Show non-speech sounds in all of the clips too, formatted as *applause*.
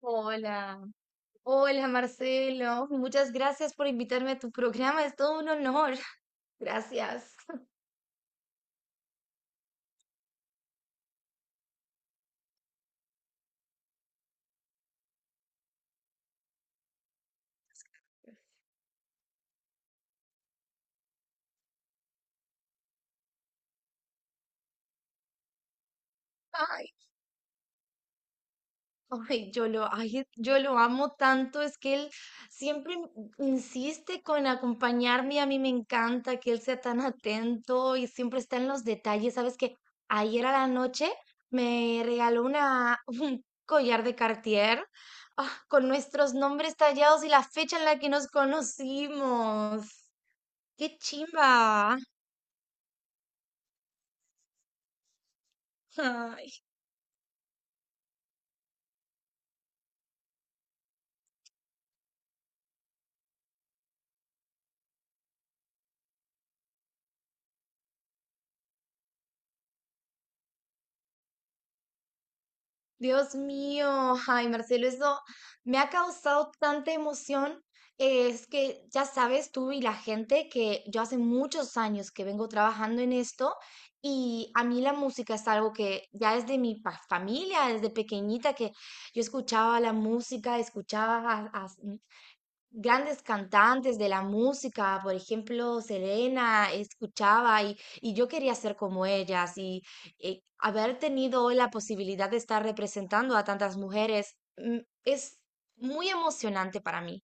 Hola, hola Marcelo, muchas gracias por invitarme a tu programa, es todo un honor. *laughs* Gracias. Ay, ay, yo lo amo tanto, es que él siempre insiste con acompañarme y a mí me encanta que él sea tan atento y siempre está en los detalles. Sabes que ayer a la noche *laughs* un collar de Cartier, con nuestros nombres tallados y la fecha en la que nos conocimos. ¡Qué chimba! Ay, Dios mío, ay Marcelo, eso me ha causado tanta emoción. Es que ya sabes tú y la gente que yo hace muchos años que vengo trabajando en esto y a mí la música es algo que ya desde mi familia, desde pequeñita que yo escuchaba la música, escuchaba a- a- grandes cantantes de la música, por ejemplo, Selena, escuchaba y yo quería ser como ellas y, haber tenido hoy la posibilidad de estar representando a tantas mujeres es muy emocionante para mí.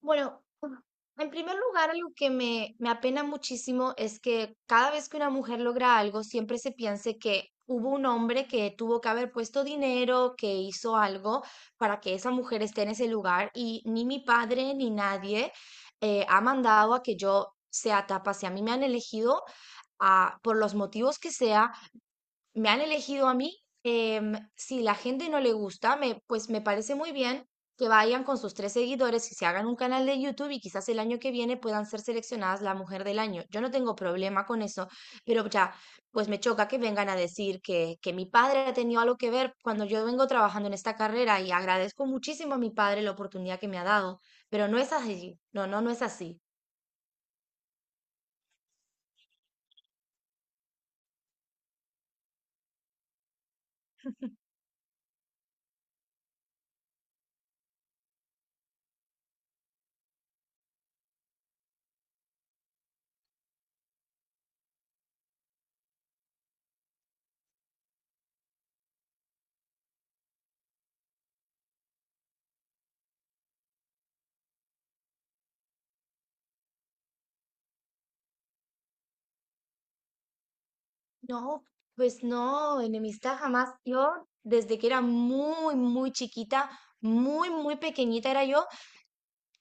Bueno, en primer lugar, algo que me apena muchísimo es que cada vez que una mujer logra algo, siempre se piense que hubo un hombre que tuvo que haber puesto dinero, que hizo algo para que esa mujer esté en ese lugar y ni mi padre ni nadie ha mandado a que yo sea tapa. Si a mí me han elegido por los motivos que sea, me han elegido a mí. Si la gente no le gusta, pues me parece muy bien que vayan con sus tres seguidores y se hagan un canal de YouTube y quizás el año que viene puedan ser seleccionadas la mujer del año. Yo no tengo problema con eso, pero ya, pues me choca que vengan a decir que mi padre ha tenido algo que ver cuando yo vengo trabajando en esta carrera y agradezco muchísimo a mi padre la oportunidad que me ha dado, pero no es así. No, no, no es así. No, pues no, enemistad jamás. Yo, desde que era muy, muy chiquita, muy, muy pequeñita era yo,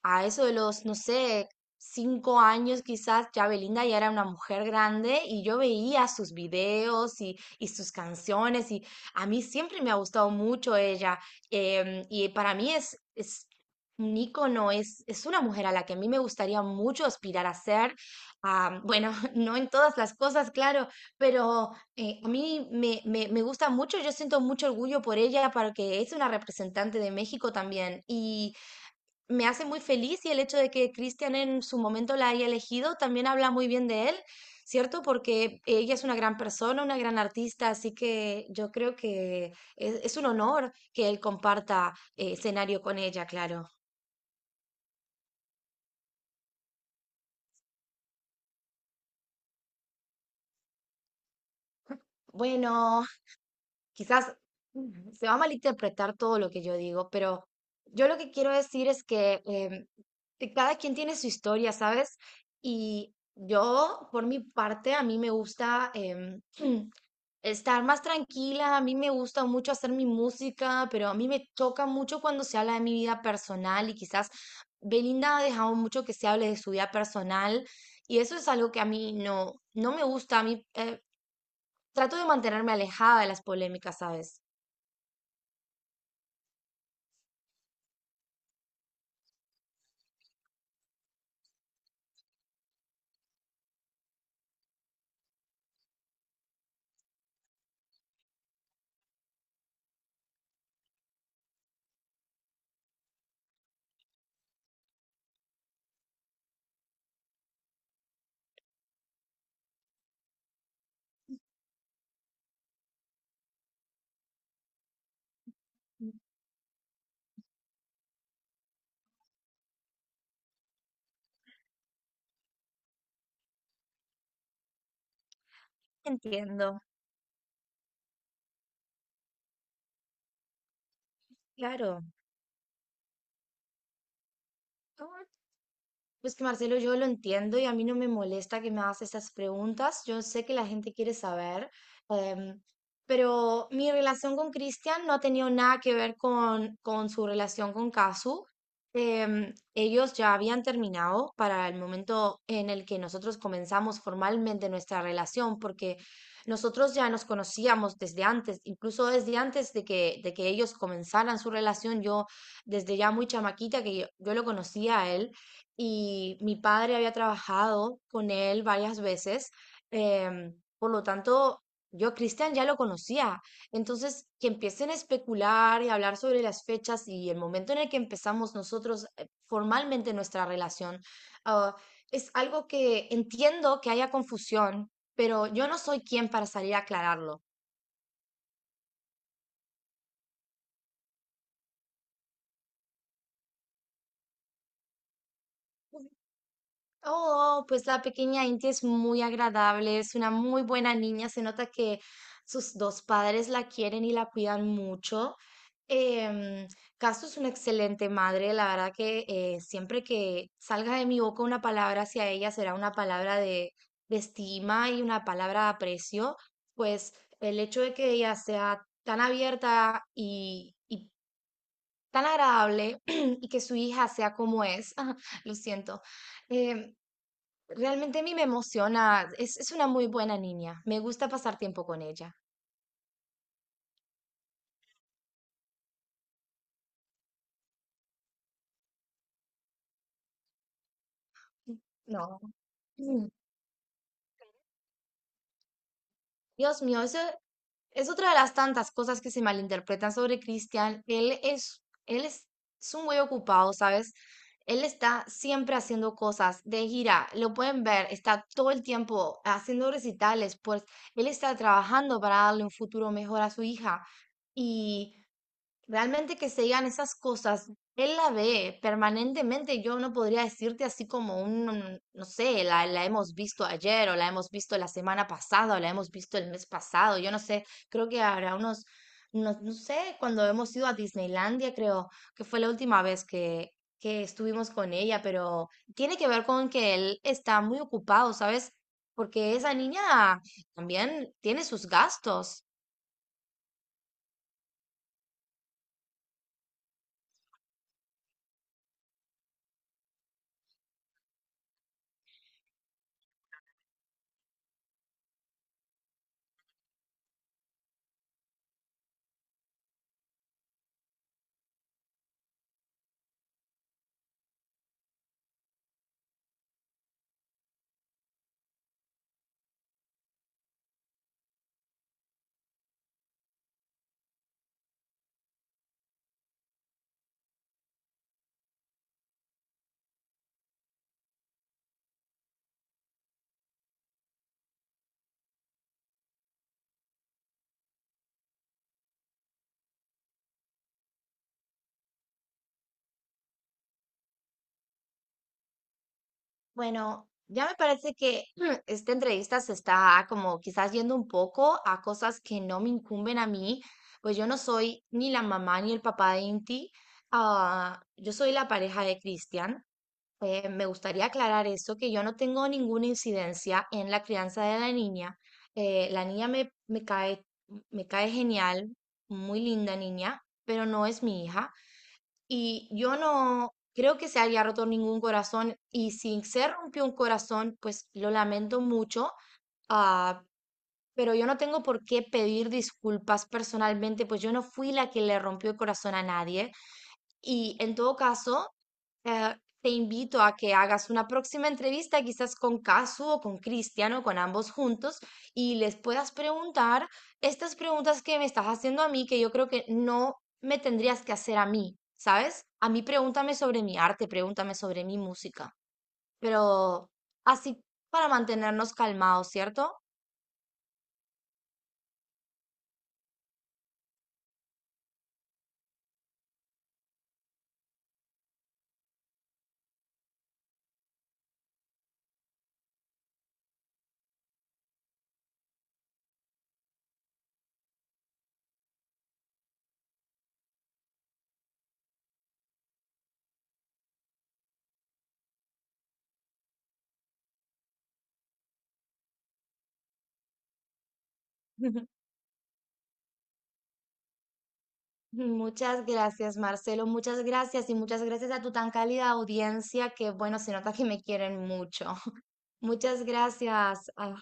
a eso de los, no sé, cinco años quizás, ya Belinda ya era una mujer grande y yo veía sus videos y sus canciones y a mí siempre me ha gustado mucho ella. Y para mí es un ícono, es una mujer a la que a mí me gustaría mucho aspirar a ser. Ah, bueno, *laughs* no en todas las cosas, claro, pero a mí me gusta mucho, yo siento mucho orgullo por ella, porque es una representante de México también. Y me hace muy feliz, y el hecho de que Cristian en su momento la haya elegido también habla muy bien de él, ¿cierto? Porque ella es una gran persona, una gran artista, así que yo creo que es un honor que él comparta escenario con ella, claro. Bueno, quizás se va a malinterpretar todo lo que yo digo, pero yo lo que quiero decir es que que cada quien tiene su historia, ¿sabes? Y yo, por mi parte, a mí me gusta *clears throat* estar más tranquila, a mí me gusta mucho hacer mi música, pero a mí me choca mucho cuando se habla de mi vida personal y quizás Belinda ha dejado mucho que se hable de su vida personal y eso es algo que a mí no, no me gusta, a mí trato de mantenerme alejada de las polémicas, ¿sabes? Entiendo, claro. Pues que Marcelo, yo lo entiendo y a mí no me molesta que me hagas esas preguntas. Yo sé que la gente quiere saber, em, pero mi relación con Cristian no ha tenido nada que ver con su relación con Casu. Ellos ya habían terminado para el momento en el que nosotros comenzamos formalmente nuestra relación, porque nosotros ya nos conocíamos desde antes, incluso desde antes de que ellos comenzaran su relación, yo desde ya muy chamaquita que yo lo conocía a él y mi padre había trabajado con él varias veces, por lo tanto, yo a Cristian ya lo conocía. Entonces, que empiecen a especular y a hablar sobre las fechas y el momento en el que empezamos nosotros formalmente nuestra relación, ah, es algo que entiendo que haya confusión, pero yo no soy quien para salir a aclararlo. Oh, pues la pequeña Inti es muy agradable, es una muy buena niña, se nota que sus dos padres la quieren y la cuidan mucho. Em, Casu es una excelente madre, la verdad que siempre que salga de mi boca una palabra hacia ella será una palabra de estima y una palabra de aprecio, pues el hecho de que ella sea tan abierta y tan agradable *clears throat* y que su hija sea como es, *laughs* lo siento. Em, Realmente a mí me emociona, es una muy buena niña, me gusta pasar tiempo con ella. No, mm, Dios mío, eso es otra de las tantas cosas que se malinterpretan sobre Cristian. Él es un muy ocupado, ¿sabes? Él está siempre haciendo cosas de gira, lo pueden ver, está todo el tiempo haciendo recitales, pues él está trabajando para darle un futuro mejor a su hija. Y realmente que se digan esas cosas, él la ve permanentemente, yo no podría decirte así como un, no sé, la hemos visto ayer o la hemos visto la semana pasada o la hemos visto el mes pasado, yo no sé, creo que habrá unos, no, no sé, cuando hemos ido a Disneylandia, creo que fue la última vez que estuvimos con ella, pero tiene que ver con que él está muy ocupado, ¿sabes? Porque esa niña también tiene sus gastos. Bueno, ya me parece que *clears throat* esta entrevista se está como quizás yendo un poco a cosas que no me incumben a mí, pues yo no soy ni la mamá ni el papá de Inti, yo soy la pareja de Cristian. Me gustaría aclarar eso, que yo no tengo ninguna incidencia en la crianza de la niña. Eh, la niña me, me cae, me cae genial, muy linda niña, pero no es mi hija. Y yo no creo que se haya roto ningún corazón y si se rompió un corazón, pues lo lamento mucho, ah, pero yo no tengo por qué pedir disculpas personalmente, pues yo no fui la que le rompió el corazón a nadie. Y en todo caso, eh, te invito a que hagas una próxima entrevista, quizás con Casu o con Cristiano, con ambos juntos, y les puedas preguntar estas preguntas que me estás haciendo a mí, que yo creo que no me tendrías que hacer a mí, ¿sabes? A mí pregúntame sobre mi arte, pregúntame sobre mi música, pero así para mantenernos calmados, ¿cierto? *laughs* Muchas gracias, Marcelo, muchas gracias y muchas gracias a tu tan cálida audiencia que, bueno, se nota que me quieren mucho. Muchas gracias. Ah,